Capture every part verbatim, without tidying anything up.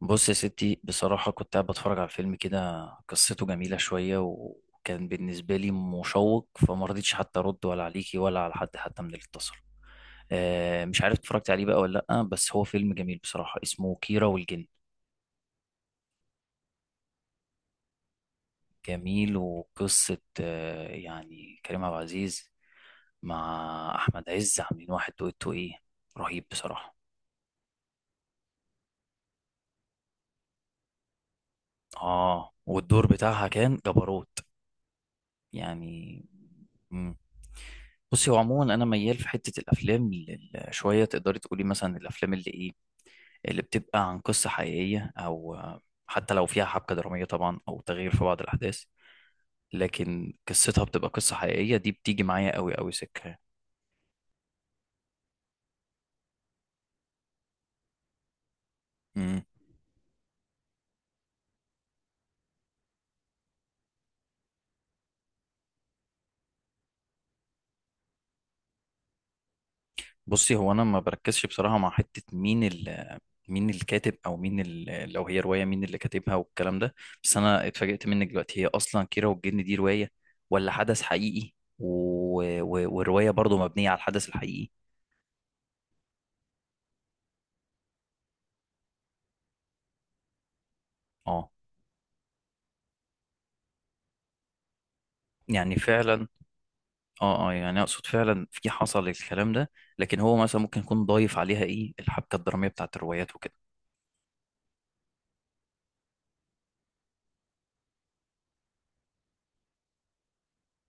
بص يا ستي، بصراحة كنت قاعد بتفرج على فيلم كده قصته جميلة شوية، وكان بالنسبة لي مشوق، فما رضيتش حتى أرد ولا عليكي ولا على حد حتى من اللي اتصل. آه، مش عارف اتفرجت عليه بقى ولا لأ، بس هو فيلم جميل بصراحة، اسمه كيرة والجن. جميل، وقصة آه، يعني كريم عبد العزيز مع أحمد عز عاملين واحد دويتو إيه رهيب بصراحة. آه والدور بتاعها كان جبروت يعني. مم. بصي، هو عموما انا ميال في حته الافلام لل- شويه، تقدري تقولي مثلا الافلام اللي ايه اللي بتبقى عن قصه حقيقيه او آه، حتى لو فيها حبكه دراميه طبعا او تغيير في بعض الاحداث، لكن قصتها بتبقى قصه حقيقيه، دي بتيجي معايا قوي قوي سكه. بصي، هو انا ما بركزش بصراحه مع حته مين ال، مين الكاتب او مين ال لو هي روايه مين اللي كاتبها والكلام ده. بس انا اتفاجئت منك دلوقتي، هي اصلا كيرة والجن دي روايه ولا حدث حقيقي؟ و... و... والروايه برضو مبنيه على الحدث الحقيقي. اه يعني فعلا، اه اه يعني اقصد فعلا في حصل الكلام ده، لكن هو مثلا ممكن يكون ضايف عليها ايه الحبكه الدراميه بتاعت الروايات وكده.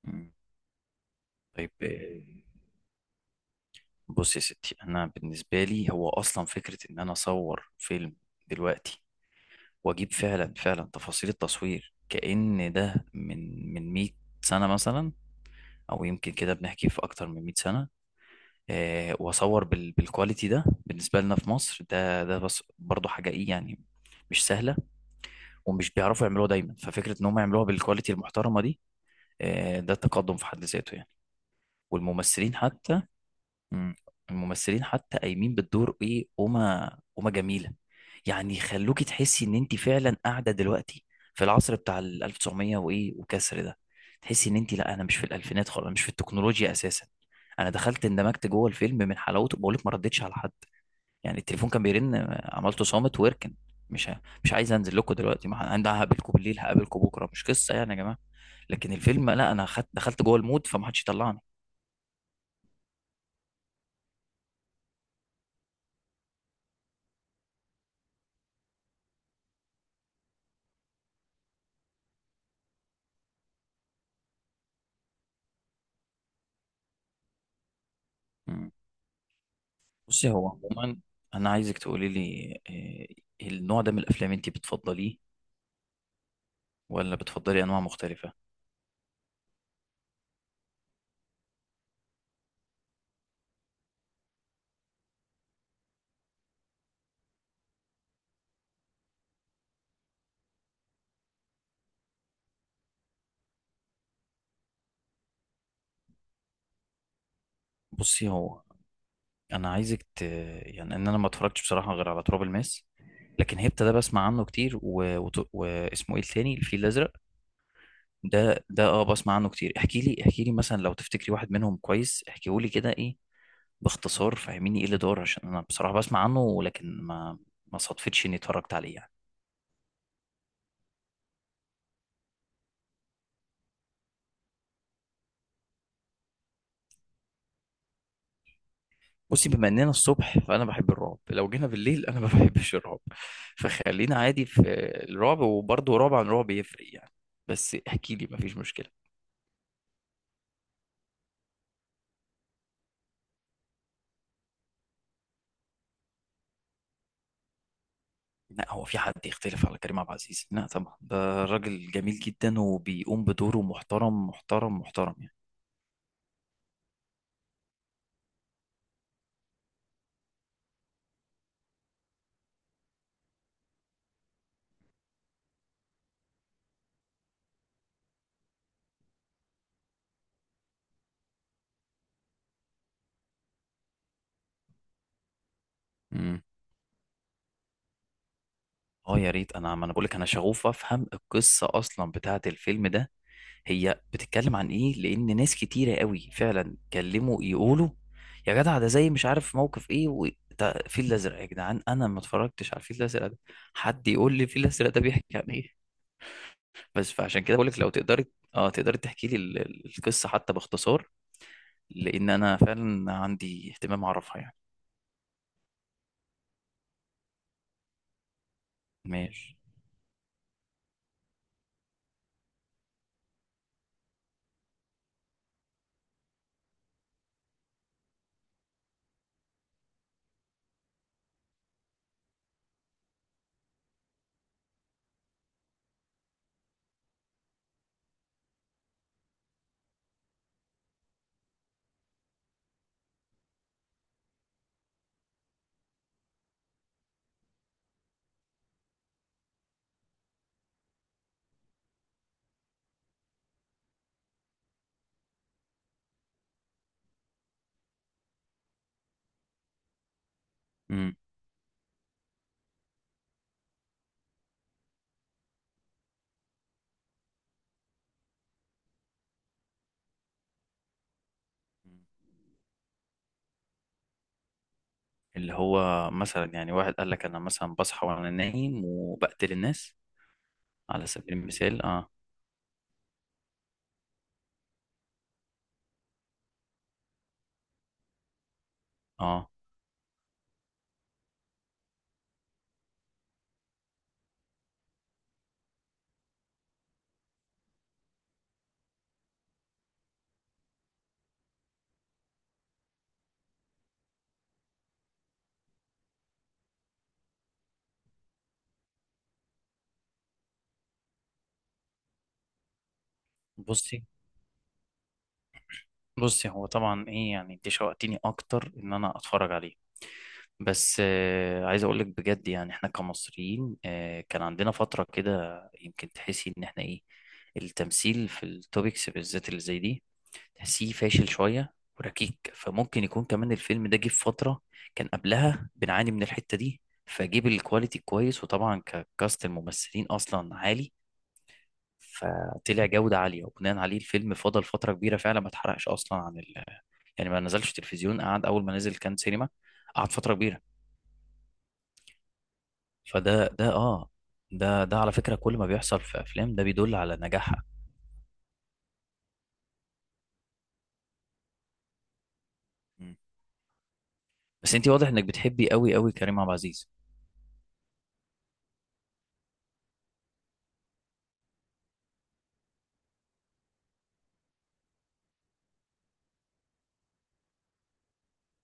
مم. طيب آه، بصي يا ستي، انا بالنسبه لي هو اصلا فكره ان انا اصور فيلم دلوقتي، واجيب فعلا فعلا تفاصيل التصوير كأن ده من من مية سنة مثلا، او يمكن كده بنحكي في اكتر من مئة سنة. آه، واصور بال بالكواليتي ده، بالنسبة لنا في مصر ده ده بس برضه حاجة ايه يعني، مش سهلة، ومش بيعرفوا يعملوها دايما، ففكرة ان هم يعملوها بالكواليتي المحترمة دي، آه ده تقدم في حد ذاته يعني. والممثلين حتى. مم. الممثلين حتى قايمين بالدور ايه، قومه، قومه جميله، يعني يخلوكي تحسي ان انت فعلا قاعده دلوقتي في العصر بتاع ال ألف وتسعمية وايه وكسر ده، تحسي ان انت، لا انا مش في الالفينات خالص، انا مش في التكنولوجيا اساسا. انا دخلت اندمجت جوه الفيلم من حلاوته، بقول لك ما ردتش على حد، يعني التليفون كان بيرن عملته صامت ويركن، مش ه- مش عايز انزل لكم دلوقتي، ما ه- انا هقابلكم بالليل هقابلكم بكره، مش قصه يعني يا جماعه. لكن الفيلم لا، انا خدت دخلت جوه المود فما حدش يطلعني. بصي، هو عموما انا عايزك تقولي لي، آه، النوع ده من الافلام انت بتفضليه ولا بتفضلي انواع مختلفه؟ بصي، هو انا عايزك ت... يعني ان انا ما اتفرجتش بصراحه غير على تراب الماس، لكن هيبتا ده بسمع عنه كتير، و... وت... واسمه ايه التاني، الفيل الازرق. ده ده اه بسمع عنه كتير، احكي لي، احكي لي مثلا لو تفتكري واحد منهم كويس، احكيه لي كده ايه، باختصار فهميني ايه اللي دار، عشان انا بصراحه بسمع عنه ولكن ما ما صدفتش اني اتفرجت عليه يعني. بصي، بما اننا الصبح فانا بحب الرعب، لو جينا بالليل انا ما بحبش الرعب، فخلينا عادي في الرعب، وبرضه رعب عن رعب يفرق يعني، بس احكي لي ما فيش مشكله. لا، هو في حد يختلف على كريم عبد العزيز؟ لا طبعا، ده راجل جميل جدا وبيقوم بدوره محترم محترم محترم يعني. مم. اه يا ريت، انا ما انا بقول لك انا شغوف افهم القصه اصلا بتاعه الفيلم ده، هي بتتكلم عن ايه، لان ناس كتيره قوي فعلا كلموا يقولوا يا جدع ده زي مش عارف موقف ايه و... ده الفيل الازرق يا جدعان، انا ما اتفرجتش على الفيل الازرق ده، حد يقول لي الفيل الازرق ده بيحكي عن ايه؟ بس فعشان كده بقول لك لو تقدري اه تقدري تحكي لي ال- ال- القصه حتى باختصار، لان انا فعلا عندي اهتمام اعرفها يعني. ماشي. امم. اللي هو مثلا يعني واحد قال لك انا مثلا بصحى وانا نايم وبقتل الناس على سبيل المثال، اه. اه. بصي بصي هو طبعا ايه يعني، انت شوقتيني اكتر ان انا اتفرج عليه. بس آه، عايز اقول لك بجد يعني، احنا كمصريين آه، كان عندنا فتره كده، يمكن تحسي ان احنا ايه، التمثيل في التوبكس بالذات اللي زي دي تحسيه فاشل شويه وركيك، فممكن يكون كمان الفيلم ده جه في فتره كان قبلها بنعاني من الحته دي، فجيب الكواليتي كويس، وطبعا ككاست الممثلين اصلا عالي فطلع جودة عالية، وبناء عليه الفيلم فضل فترة كبيرة فعلا ما اتحرقش أصلا عن ال... يعني ما نزلش تلفزيون، قعد أول ما نزل كان سينما، قعد فترة كبيرة. فده ده اه ده ده على فكرة كل ما بيحصل في أفلام ده بيدل على نجاحها. مم. بس أنت واضح إنك بتحبي قوي قوي كريم عبد العزيز.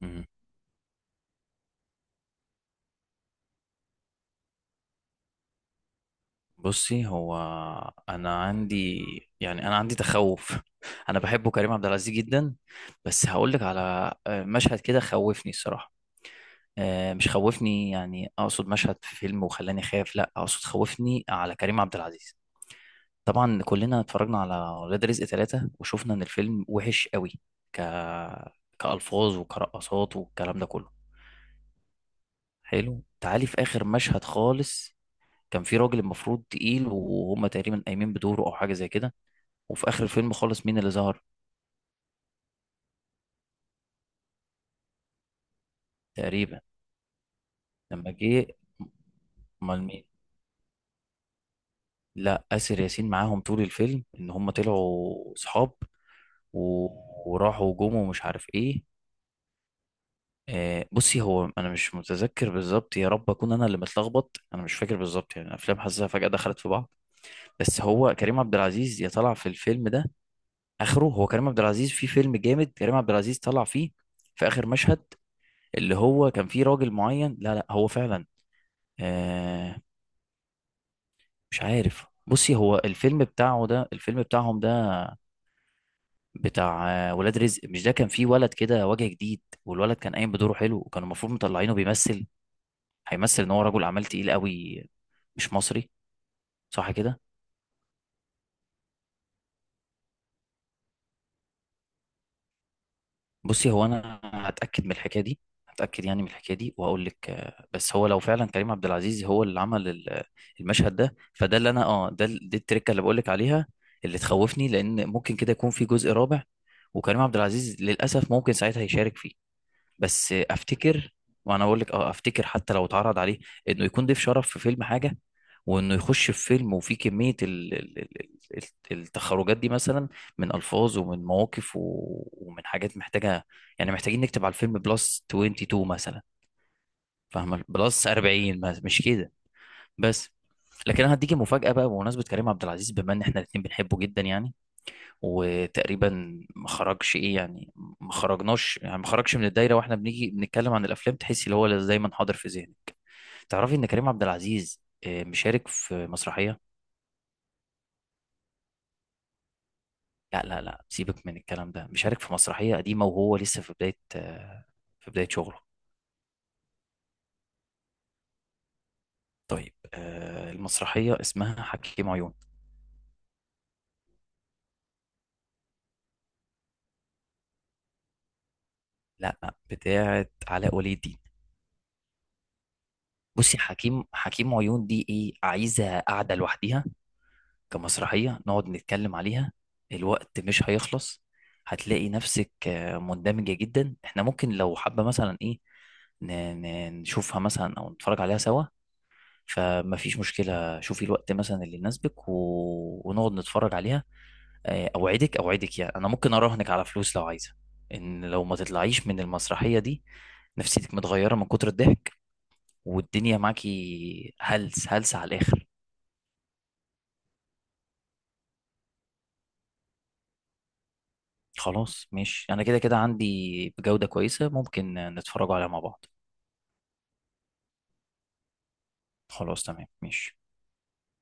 مم. بصي، هو أنا عندي، يعني أنا عندي تخوف أنا بحبه كريم عبد العزيز جدا، بس هقول لك على آه، مشهد كده خوفني الصراحة، آه، مش خوفني يعني، اقصد مشهد في فيلم وخلاني خايف، لا اقصد خوفني على كريم عبد العزيز. طبعا كلنا اتفرجنا على ولاد رزق ثلاثة وشفنا ان الفيلم وحش قوي، ك كألفاظ وكرقصات والكلام ده كله. حلو، تعالي في اخر مشهد خالص، كان في راجل المفروض تقيل وهم تقريبا قايمين بدوره او حاجة زي كده، وفي اخر الفيلم خالص مين اللي ظهر؟ تقريبا. لما جه، امال مين؟ لا، آسر ياسين معاهم طول الفيلم، ان هم طلعوا صحاب و... وراحوا جم ومش عارف ايه. آه بصي، هو انا مش متذكر بالظبط، يا رب اكون انا اللي متلخبط، انا مش فاكر بالظبط يعني، الافلام حاسسها فجأة دخلت في بعض، بس هو كريم عبد العزيز يا طلع في الفيلم ده اخره، هو كريم عبد العزيز في فيلم جامد، كريم عبد العزيز طلع فيه في اخر مشهد، اللي هو كان فيه راجل معين، لا لا هو فعلا، آه مش عارف. بصي، هو الفيلم بتاعه ده الفيلم بتاعهم ده، بتاع آه، ولاد رزق، مش ده كان فيه ولد كده وجه جديد، والولد كان قايم بدوره حلو، وكانوا المفروض مطلعينه بيمثل، هيمثل ان هو رجل اعمال تقيل قوي، مش مصري، صح كده؟ بصي، هو انا هتاكد من الحكايه دي، هتاكد يعني من الحكايه دي، وهقول لك آه، بس هو لو فعلا كريم عبد العزيز هو اللي عمل ال- المشهد ده، فده اللي انا اه، ده ال- دي التركه اللي بقول لك عليها، اللي تخوفني، لان ممكن كده يكون في جزء رابع، وكريم عبد العزيز للاسف ممكن ساعتها يشارك فيه، بس افتكر. وانا اقول لك اه، افتكر حتى لو اتعرض عليه انه يكون ضيف شرف في فيلم حاجه، وانه يخش في فيلم وفيه كميه ال- ال- ال- ال- التخرجات دي مثلا، من الفاظ ومن مواقف و- ومن حاجات محتاجه يعني، محتاجين نكتب على الفيلم بلس اتنين وعشرين مثلا، فاهمه بلس أربعين مثلاً، مش كده؟ بس. لكن انا هديكي مفاجاه بقى، بمناسبه كريم عبد العزيز، بما ان احنا الاثنين بنحبه جدا يعني، وتقريبا ما خرجش ايه يعني، ما خرجناش يعني ما خرجش من الدايره، واحنا بنيجي بنتكلم عن الافلام تحس اللي هو اللي دايما حاضر في ذهنك، تعرفي ان كريم عبد العزيز آه، مشارك في مسرحيه؟ لا لا لا سيبك من الكلام ده، مشارك في مسرحيه قديمه وهو لسه في بدايه آه، في بدايه شغله. طيب آه، المسرحيه اسمها حكيم عيون. لا، بتاعه علاء ولي الدين. بصي، حكيم حكيم عيون دي ايه، عايزه قاعده لوحدها كمسرحية نقعد نتكلم عليها، الوقت مش هيخلص، هتلاقي نفسك آه، مندمجة جدا، احنا ممكن لو حابة مثلا ايه ن- ن- نشوفها مثلا او نتفرج عليها سوا، فما فيش مشكلة، شوفي الوقت مثلا اللي يناسبك و... ونقعد نتفرج عليها. آه، اوعدك، اوعدك يعني، انا ممكن اراهنك على فلوس لو عايزة ان لو ما تطلعيش من المسرحية دي نفسيتك متغيرة من كتر الضحك، والدنيا معاكي هلس هلس على الاخر. خلاص ماشي، انا كده كده عندي بجودة كويسة، ممكن نتفرجوا عليها مع بعض. خلاص تمام ماشي.